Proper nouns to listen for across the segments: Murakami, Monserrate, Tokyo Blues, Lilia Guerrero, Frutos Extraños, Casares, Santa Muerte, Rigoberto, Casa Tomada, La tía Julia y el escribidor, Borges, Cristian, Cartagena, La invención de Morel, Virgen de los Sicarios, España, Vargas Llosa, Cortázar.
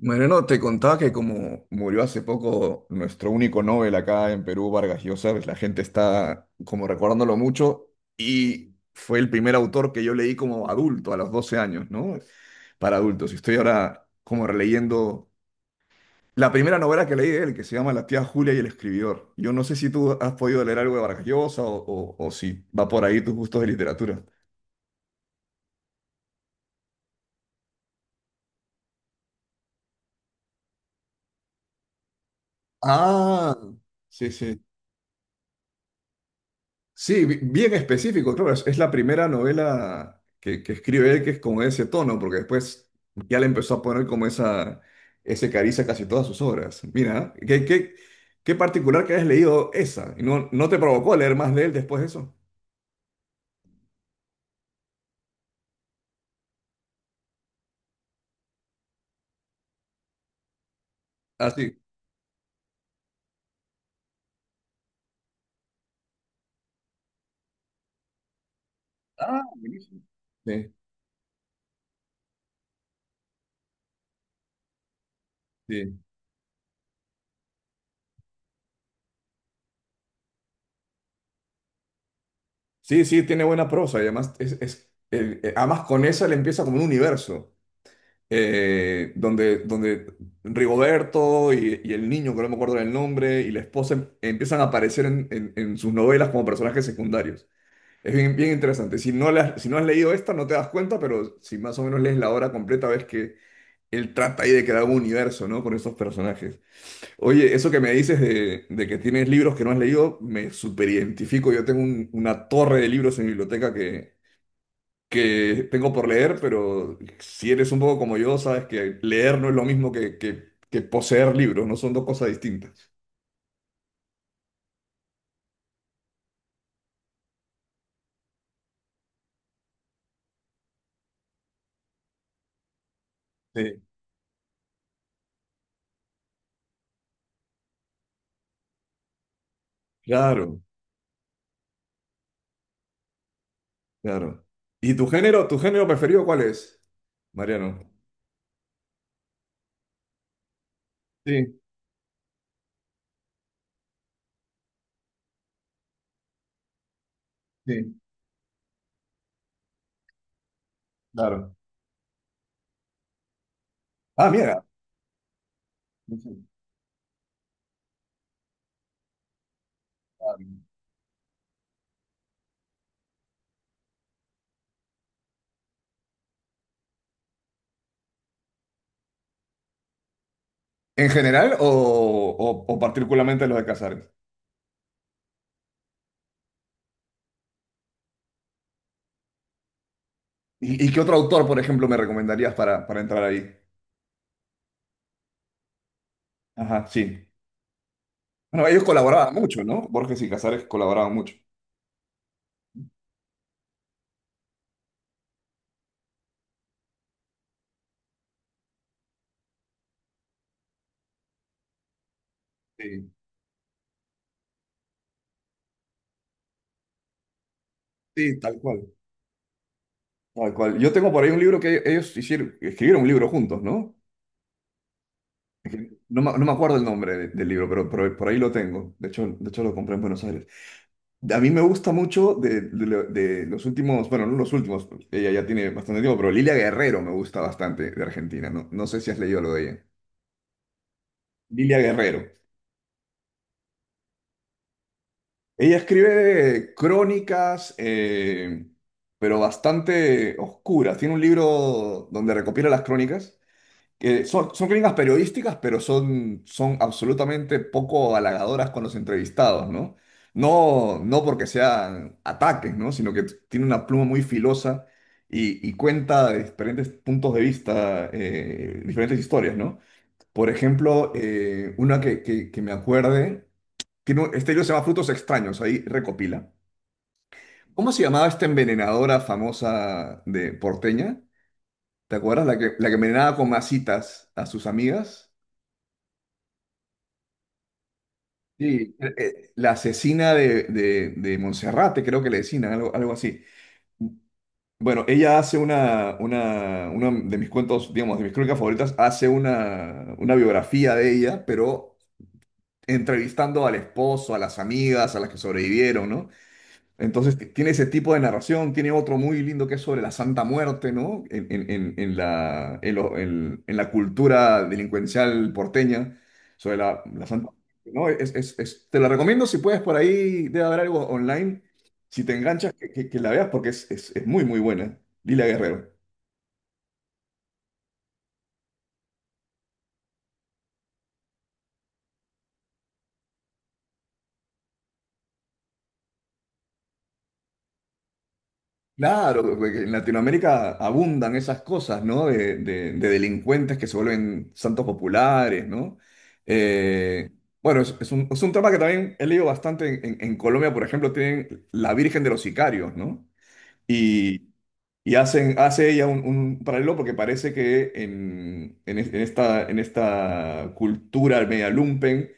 Mariano, te contaba que como murió hace poco nuestro único Nobel acá en Perú, Vargas Llosa, pues la gente está como recordándolo mucho y fue el primer autor que yo leí como adulto a los 12 años, ¿no? Para adultos. Y estoy ahora como releyendo la primera novela que leí de él, que se llama La tía Julia y el escribidor. Yo no sé si tú has podido leer algo de Vargas Llosa o si va por ahí tus gustos de literatura. Ah, sí, sí. Sí, bien específico, claro, es la primera novela que escribe él que es con ese tono, porque después ya le empezó a poner como ese cariz a casi todas sus obras. Mira, qué particular que hayas leído esa, y no, no te provocó leer más de él después de eso. Ah, sí. Ah, buenísimo. Sí, sí. Sí, sí, tiene buena prosa y además, además con esa le empieza como un universo. Donde Rigoberto y el niño, que no me acuerdo del nombre, y la esposa empiezan a aparecer en sus novelas como personajes secundarios. Es bien interesante. Si no, si no has leído esta, no te das cuenta, pero si más o menos lees la obra completa, ves que él trata ahí de crear un universo, ¿no? Con estos personajes. Oye, eso que me dices de que tienes libros que no has leído, me superidentifico. Yo tengo una torre de libros en mi biblioteca que tengo por leer, pero si eres un poco como yo, sabes que leer no es lo mismo que poseer libros, no son dos cosas distintas. Sí. Claro, claro. ¿Y tu género preferido cuál es, Mariano? Sí, sí, claro. Ah, mira. No, claro. ¿En general o particularmente los de Casares? Y qué otro autor, por ejemplo, me recomendarías para entrar ahí? Ajá, sí. Bueno, ellos colaboraban mucho, ¿no? Borges y Casares colaboraban mucho. Sí, sí, tal cual. Tal cual. Yo tengo por ahí un libro que ellos hicieron, escribieron un libro juntos, ¿no? Es que no, me no me acuerdo el nombre del libro, pero por ahí lo tengo. De hecho, lo compré en Buenos Aires. A mí me gusta mucho de los últimos, bueno, no los últimos, ella ya tiene bastante tiempo, pero Lilia Guerrero me gusta bastante de Argentina, ¿no? No sé si has leído lo de ella. Lilia Guerrero. Ella escribe crónicas, pero bastante oscuras. Tiene un libro donde recopila las crónicas, que son críticas periodísticas, pero son absolutamente poco halagadoras con los entrevistados, ¿no? No, no porque sean ataques, ¿no? Sino que tiene una pluma muy filosa y cuenta de diferentes puntos de vista, diferentes historias, ¿no? Por ejemplo, que me acuerde, tiene este libro se llama Frutos Extraños, ahí recopila. ¿Cómo se llamaba esta envenenadora famosa de porteña? ¿Te acuerdas? La que envenenaba con masitas a sus amigas. Sí, la asesina de Monserrate, creo que le decían, algo así. Bueno, ella hace uno de mis cuentos, digamos, de mis crónicas favoritas, hace una biografía de ella, pero entrevistando al esposo, a las amigas, a las que sobrevivieron, ¿no? Entonces tiene ese tipo de narración, tiene otro muy lindo que es sobre la Santa Muerte, ¿no? En la, en, lo- en la cultura delincuencial porteña, sobre la Santa Muerte, ¿no? Te la recomiendo si puedes por ahí, debe haber algo online, si te enganchas, que la veas porque es muy, muy buena. Lila Guerrero. Claro, porque en Latinoamérica abundan esas cosas, ¿no? De delincuentes que se vuelven santos populares, ¿no? Eh, bueno, es un tema que también he leído bastante en Colombia, por ejemplo, tienen la Virgen de los Sicarios, ¿no? Y, y hacen, hace ella un paralelo porque parece que en esta cultura media lumpen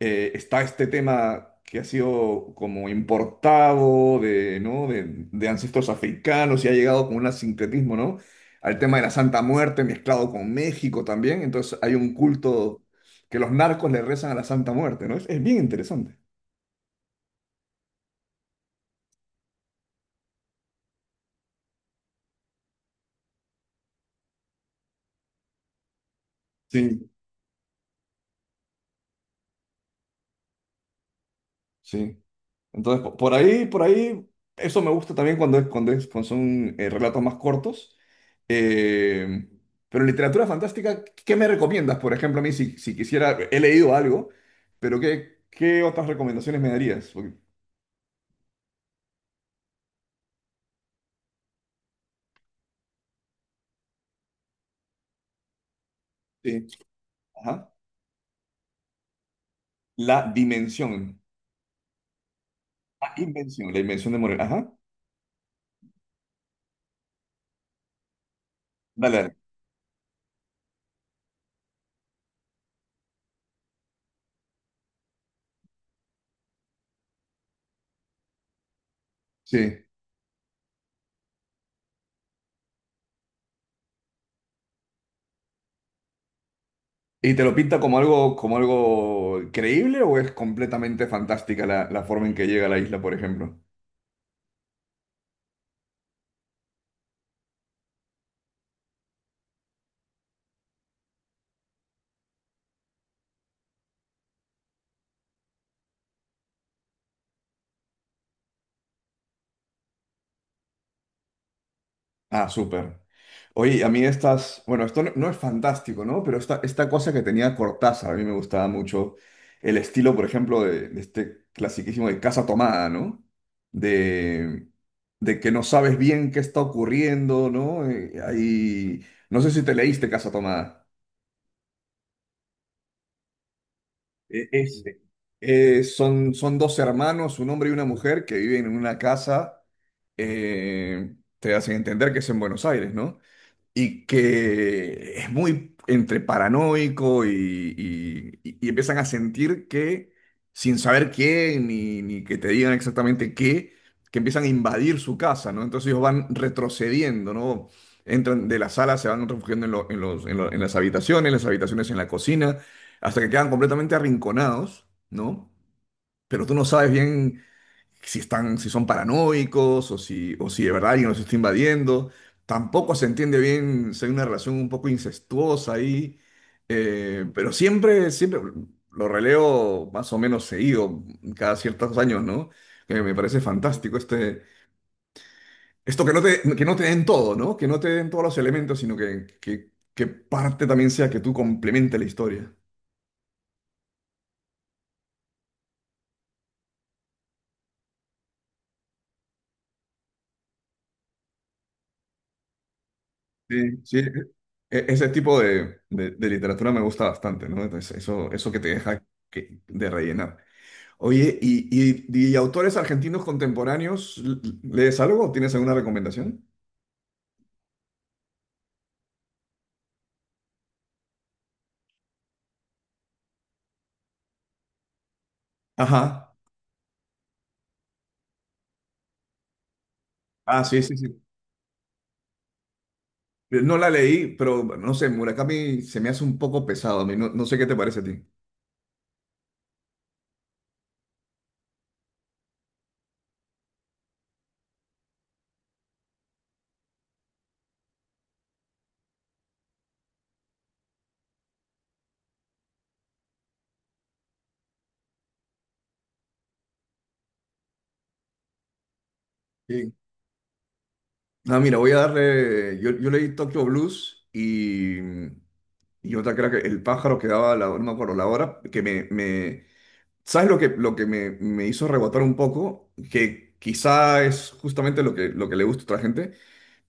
está este tema que ha sido como importado de, ¿no? De ancestros africanos y ha llegado con un sincretismo, ¿no? al tema de la Santa Muerte mezclado con México también. Entonces hay un culto que los narcos le rezan a la Santa Muerte, ¿no? Es bien interesante. Sí, sí. Entonces, por ahí, eso me gusta también cuando son relatos más cortos. Eh, pero literatura fantástica, ¿qué me recomiendas? Por ejemplo, a mí, si quisiera, he leído algo, pero qué otras recomendaciones me darías? Porque- sí. Ajá. La dimensión. La invención de Morel. Ajá. Dale, dale. Sí. ¿Y te lo pinta como algo creíble o es completamente fantástica la, la forma en que llega a la isla, por ejemplo? Ah, súper. Oye, a mí estas, bueno, esto no, no es fantástico, ¿no? Pero esta cosa que tenía Cortázar, a mí me gustaba mucho el estilo, por ejemplo, de este clasiquísimo de Casa Tomada, ¿no? De, de que no sabes bien qué está ocurriendo, ¿no? Ahí, no sé si te leíste Casa Tomada. Eh, es- Son dos hermanos, un hombre y una mujer, que viven en una casa, te hacen entender que es en Buenos Aires, ¿no? y que es muy entre paranoico y, empiezan a sentir que, sin saber quién ni, ni que te digan exactamente qué, que empiezan a invadir su casa, ¿no? Entonces ellos van retrocediendo, ¿no? Entran de la sala, se van refugiando en, lo- en los, en lo- en las habitaciones en la cocina, hasta que quedan completamente arrinconados, ¿no? Pero tú no sabes bien si están, si son paranoicos o si de verdad alguien los está invadiendo. Tampoco se entiende bien si hay una relación un poco incestuosa ahí, pero siempre, siempre lo releo más o menos seguido, cada ciertos años, ¿no? Que me parece fantástico este, esto que no te den todo, ¿no? Que no te den todos los elementos, sino que, que parte también sea que tú complemente la historia. Sí, sí, ese tipo de literatura me gusta bastante, ¿no? Entonces, eso que te deja de rellenar. Oye, ¿y autores argentinos contemporáneos, lees algo? ¿Tienes alguna recomendación? Ajá. Ah, sí, sí, sí. No la leí, pero no sé, Murakami se me hace un poco pesado a mí. No, no sé qué te parece a ti. Sí. Ah, mira, voy a darle. Yo leí Tokyo Blues y otra que era que El pájaro que daba la, no me acuerdo, la hora, ¿sabes lo que me hizo rebotar un poco? Que quizá es justamente lo que le gusta a otra gente,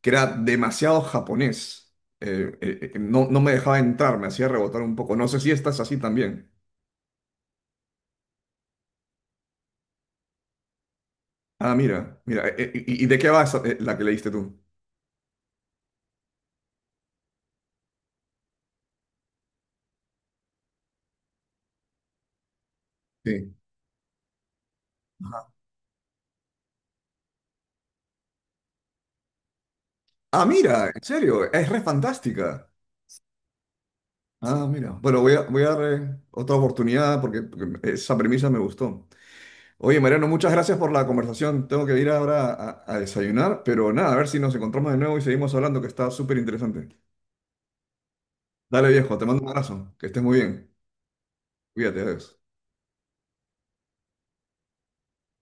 que era demasiado japonés. No, no me dejaba entrar, me hacía rebotar un poco. No sé si estás así también. Ah, mira, mira. Y de qué va esa- la que leíste tú? Sí. Ah, mira, en serio, es re fantástica. Ah, mira. Bueno, voy a, voy a dar otra oportunidad porque, porque esa premisa me gustó. Oye, Mariano, muchas gracias por la conversación. Tengo que ir ahora a desayunar, pero nada, a ver si nos encontramos de nuevo y seguimos hablando, que está súper interesante. Dale, viejo, te mando un abrazo. Que estés muy bien. Cuídate, adiós.